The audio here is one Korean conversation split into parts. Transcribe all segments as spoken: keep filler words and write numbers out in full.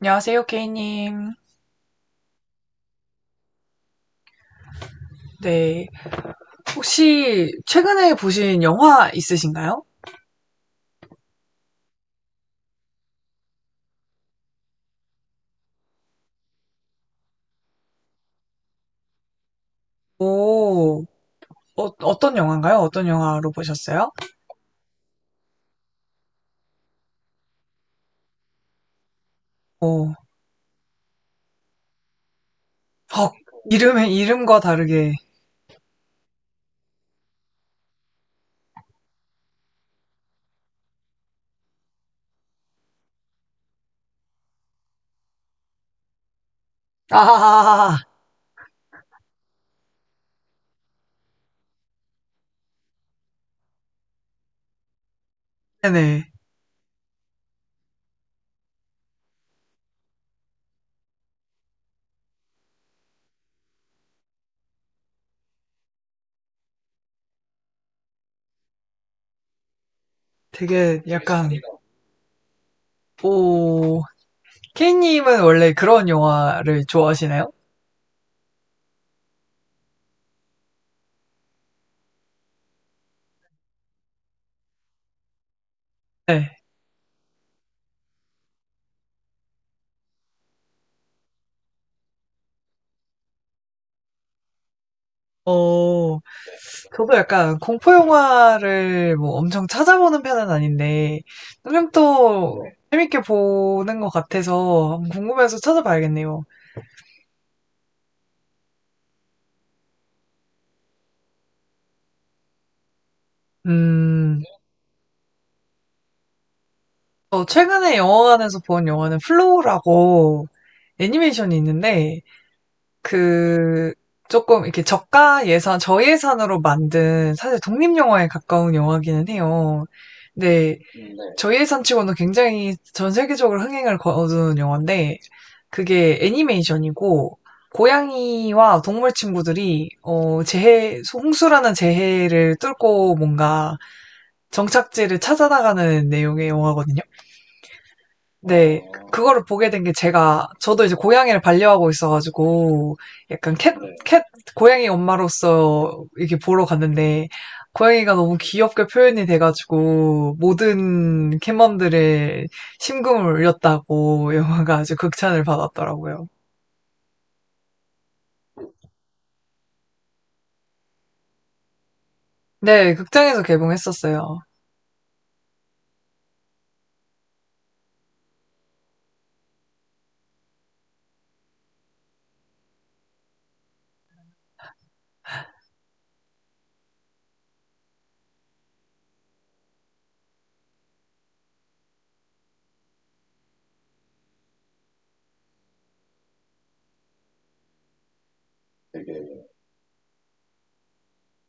안녕하세요, 케이님. 네. 혹시 최근에 보신 영화 있으신가요? 오, 어, 떤 영화인가요? 어떤 영화로 보셨어요? 오, 헉, 이름의 이름과 다르게. 아, 네네. 되게 약간, 오, 케이님은 원래 그런 영화를 좋아하시나요? 네. 오. 저도 약간 공포 영화를 뭐 엄청 찾아보는 편은 아닌데 그냥 또 재밌게 보는 것 같아서 한번 궁금해서 찾아봐야겠네요. 음, 저 최근에 영화관에서 본 영화는 플로우라고 애니메이션이 있는데 그 조금 이렇게 저가 예산, 저예산으로 만든 사실 독립 영화에 가까운 영화기는 해요. 근데 저예산치고는 굉장히 전 세계적으로 흥행을 거둔 영화인데 그게 애니메이션이고 고양이와 동물 친구들이 어 재해 홍수라는 재해를 뚫고 뭔가 정착지를 찾아 나가는 내용의 영화거든요. 네. 그거를 보게 된 게 제가 저도 이제 고양이를 반려하고 있어가지고 약간 캣, 캣 고양이 엄마로서 이렇게 보러 갔는데 고양이가 너무 귀엽게 표현이 돼가지고 모든 캣맘들의 심금을 울렸다고 영화가 아주 극찬을 받았더라고요. 네, 극장에서 개봉했었어요.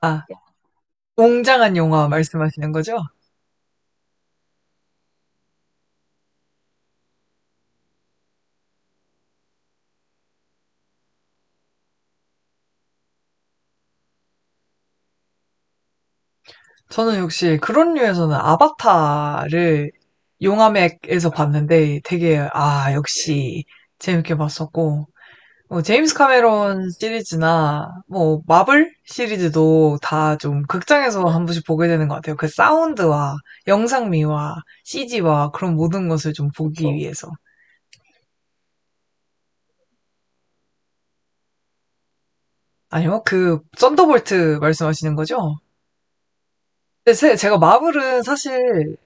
아, 웅장한 영화 말씀하시는 거죠? 저는 역시 그런 류에서는 아바타를 용암액에서 봤는데 되게, 아, 역시 재밌게 봤었고, 뭐, 제임스 카메론 시리즈나 뭐, 마블 시리즈도 다 좀 극장에서 한 번씩 보게 되는 것 같아요. 그 사운드와 영상미와 씨지와 그런 모든 것을 좀 보기 위해서. 아니요, 그 썬더볼트 말씀하시는 거죠? 근데 제, 제가 마블은 사실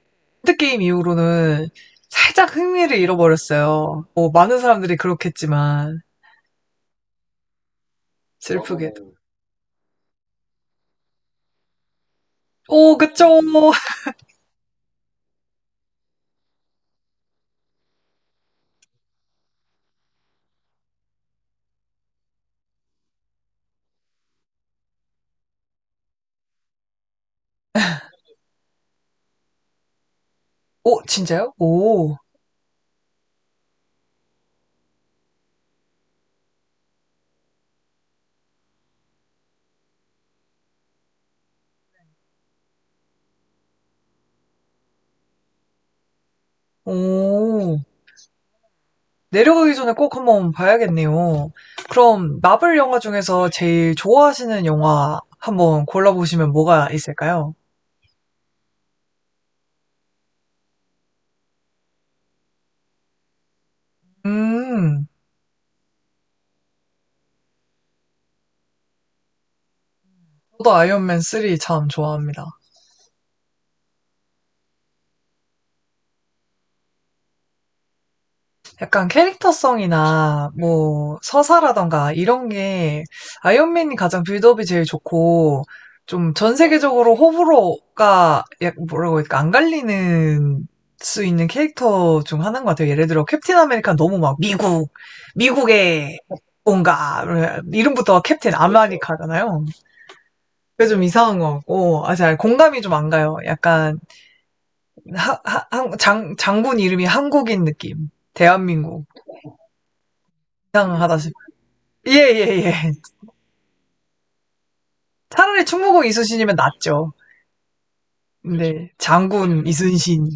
핸드게임 이후로는 살짝 흥미를 잃어버렸어요. 뭐, 많은 사람들이 그렇겠지만, 슬프게. 오, 그쵸. 오, 진짜요? 오, 오. 내려가기 전에 꼭 한번 봐야겠네요. 그럼, 마블 영화 중에서 제일 좋아하시는 영화 한번 골라보시면 뭐가 있을까요? 음, 저도 아이언맨 쓰리 참 좋아합니다. 약간 캐릭터성이나 뭐 서사라던가 이런 게 아이언맨이 가장 빌드업이 제일 좋고 좀 전 세계적으로 호불호가 약 뭐라고 해야 될까 안 갈리는 수 있는 캐릭터 중 하나인 것 같아요. 예를 들어 캡틴 아메리카 너무 막 미국, 미국의 뭔가 이름부터 캡틴 그렇죠. 아메리카잖아요. 그게 좀 이상한 것 같고 아, 잘 공감이 좀 안 가요. 약간 하- 하- 한- 장, 장군 이름이 한국인 느낌. 대한민국. 음, 이상하다 싶어요. 예, 예, 예. 차라리 충무공 이순신이면 낫죠. 근데 장군 이순신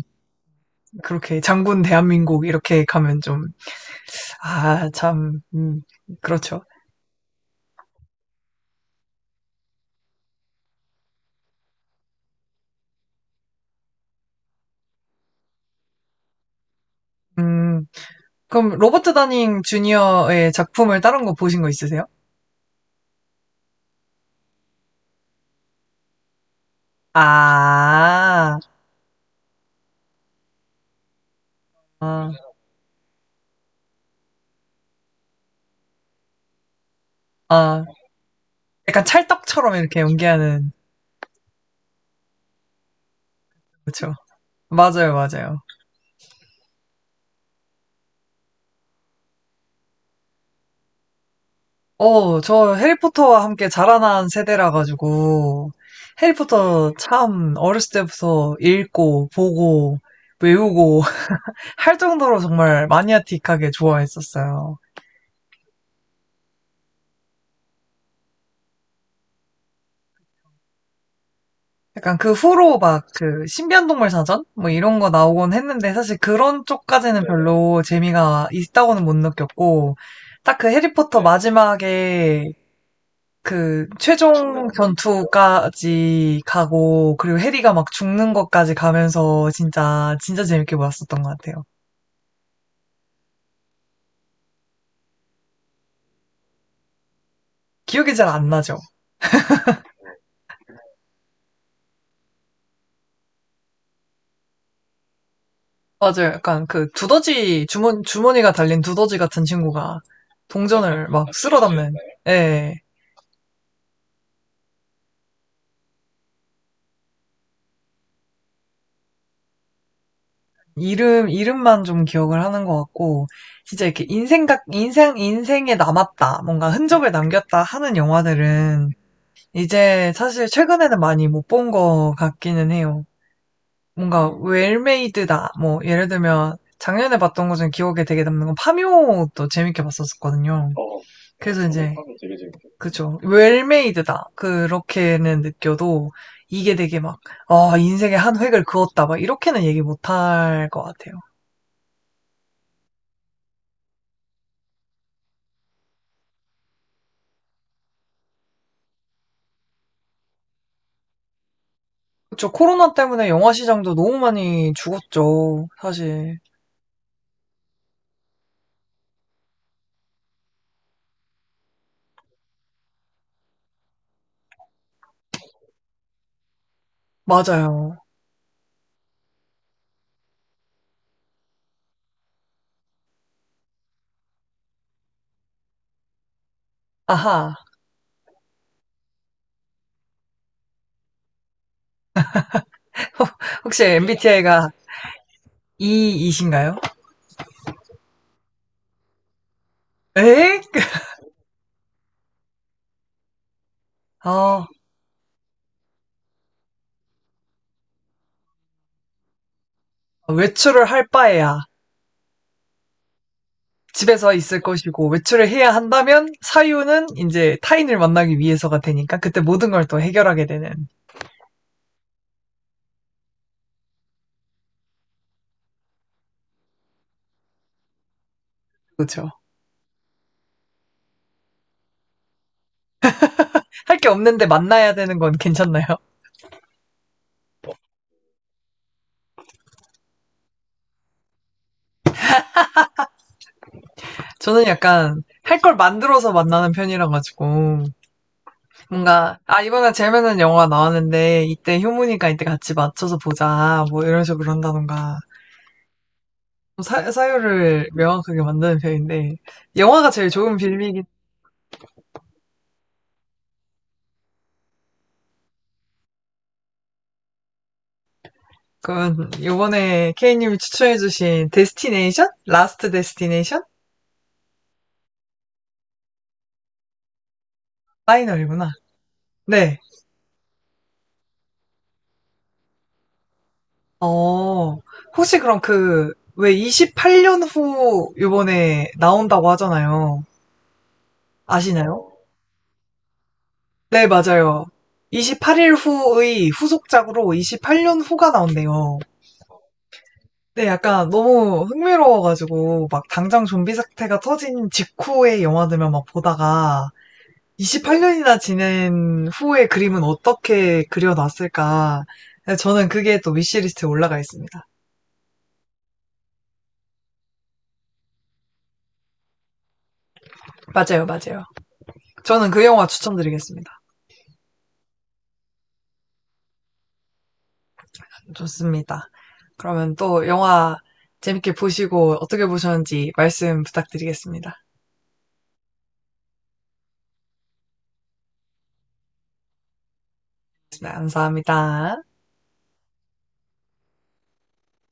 그렇게 장군 대한민국 이렇게 가면 좀 아, 참 음, 그렇죠. 음, 그럼 로버트 다닝 주니어의 작품을 다른 거 보신 거 있으세요? 아, 아, 아, 약간 찰떡처럼 이렇게 연기하는 그렇죠. 맞아요, 맞아요. 어, 저 해리포터와 함께 자라난 세대라 가지고 해리포터 참 어렸을 때부터 읽고 보고 외우고 할 정도로 정말 마니아틱하게 좋아했었어요. 약간 그 후로 막 그 신비한동물 사전 뭐 이런 거 나오곤 했는데 사실 그런 쪽까지는 별로 재미가 있다고는 못 느꼈고 딱 그 해리포터 네. 마지막에 그 최종 전투까지 가고 그리고 해리가 막 죽는 것까지 가면서 진짜 진짜 재밌게 보았었던 것 같아요. 기억이 잘 안 나죠? 맞아요. 약간 그 두더지 주머 주머니가 달린 두더지 같은 친구가 동전을 막 쓸어 담는 예. 이름 이름만 좀 기억을 하는 것 같고 진짜 이렇게 인생 각 인생 인생에 남았다 뭔가 흔적을 남겼다 하는 영화들은 이제 사실 최근에는 많이 못 본 것 같기는 해요. 뭔가 웰메이드다. 뭐 예를 들면 작년에 봤던 것 중에 기억에 되게 남는 건 파묘도 재밌게 봤었거든요. 그래서 이제 면재밌 그쵸. 웰메이드다. 그렇게는 느껴도 이게 되게 막, 아, 인생의 한 획을 그었다. 막 이렇게는 얘기 못 할 것 같아요. 그쵸. 코로나 때문에 영화 시장도 너무 많이 죽었죠. 사실. 맞아요. 아하. 혹시 엠비티아이가 이이신가요? 에? 아, 외출을 할 바에야. 집에서 있을 것이고 외출을 해야 한다면 사유는 이제 타인을 만나기 위해서가 되니까 그때 모든 걸 또 해결하게 되는 그렇죠. 할 게 없는데 만나야 되는 건 괜찮나요? 저는 약간 할 걸 만들어서 만나는 편이라 가지고 뭔가 아 이번에 재밌는 영화 나왔는데 이때 효문이가 이때 같이 맞춰서 보자 뭐 이런 식으로 한다던가 사, 사유를 명확하게 만드는 편인데 영화가 제일 좋은 빌미긴 그건 요번에 케이님이 추천해주신 데스티네이션? 라스트 데스티네이션? 파이널이구나. 네. 어, 혹시 그럼 그, 왜 이십팔 년 후 요번에 나온다고 하잖아요. 아시나요? 네, 맞아요. 이십팔 일 후의 후속작으로 이십팔 년 후가 나온대요. 네, 약간 너무 흥미로워가지고, 막 당장 좀비 사태가 터진 직후의 영화들만 막 보다가, 이십팔 년이나 지낸 후의 그림은 어떻게 그려놨을까. 저는 그게 또 위시리스트에 올라가 있습니다. 맞아요, 맞아요. 저는 그 영화 추천드리겠습니다. 좋습니다. 그러면 또 영화 재밌게 보시고 어떻게 보셨는지 말씀 부탁드리겠습니다. 네, 감사합니다.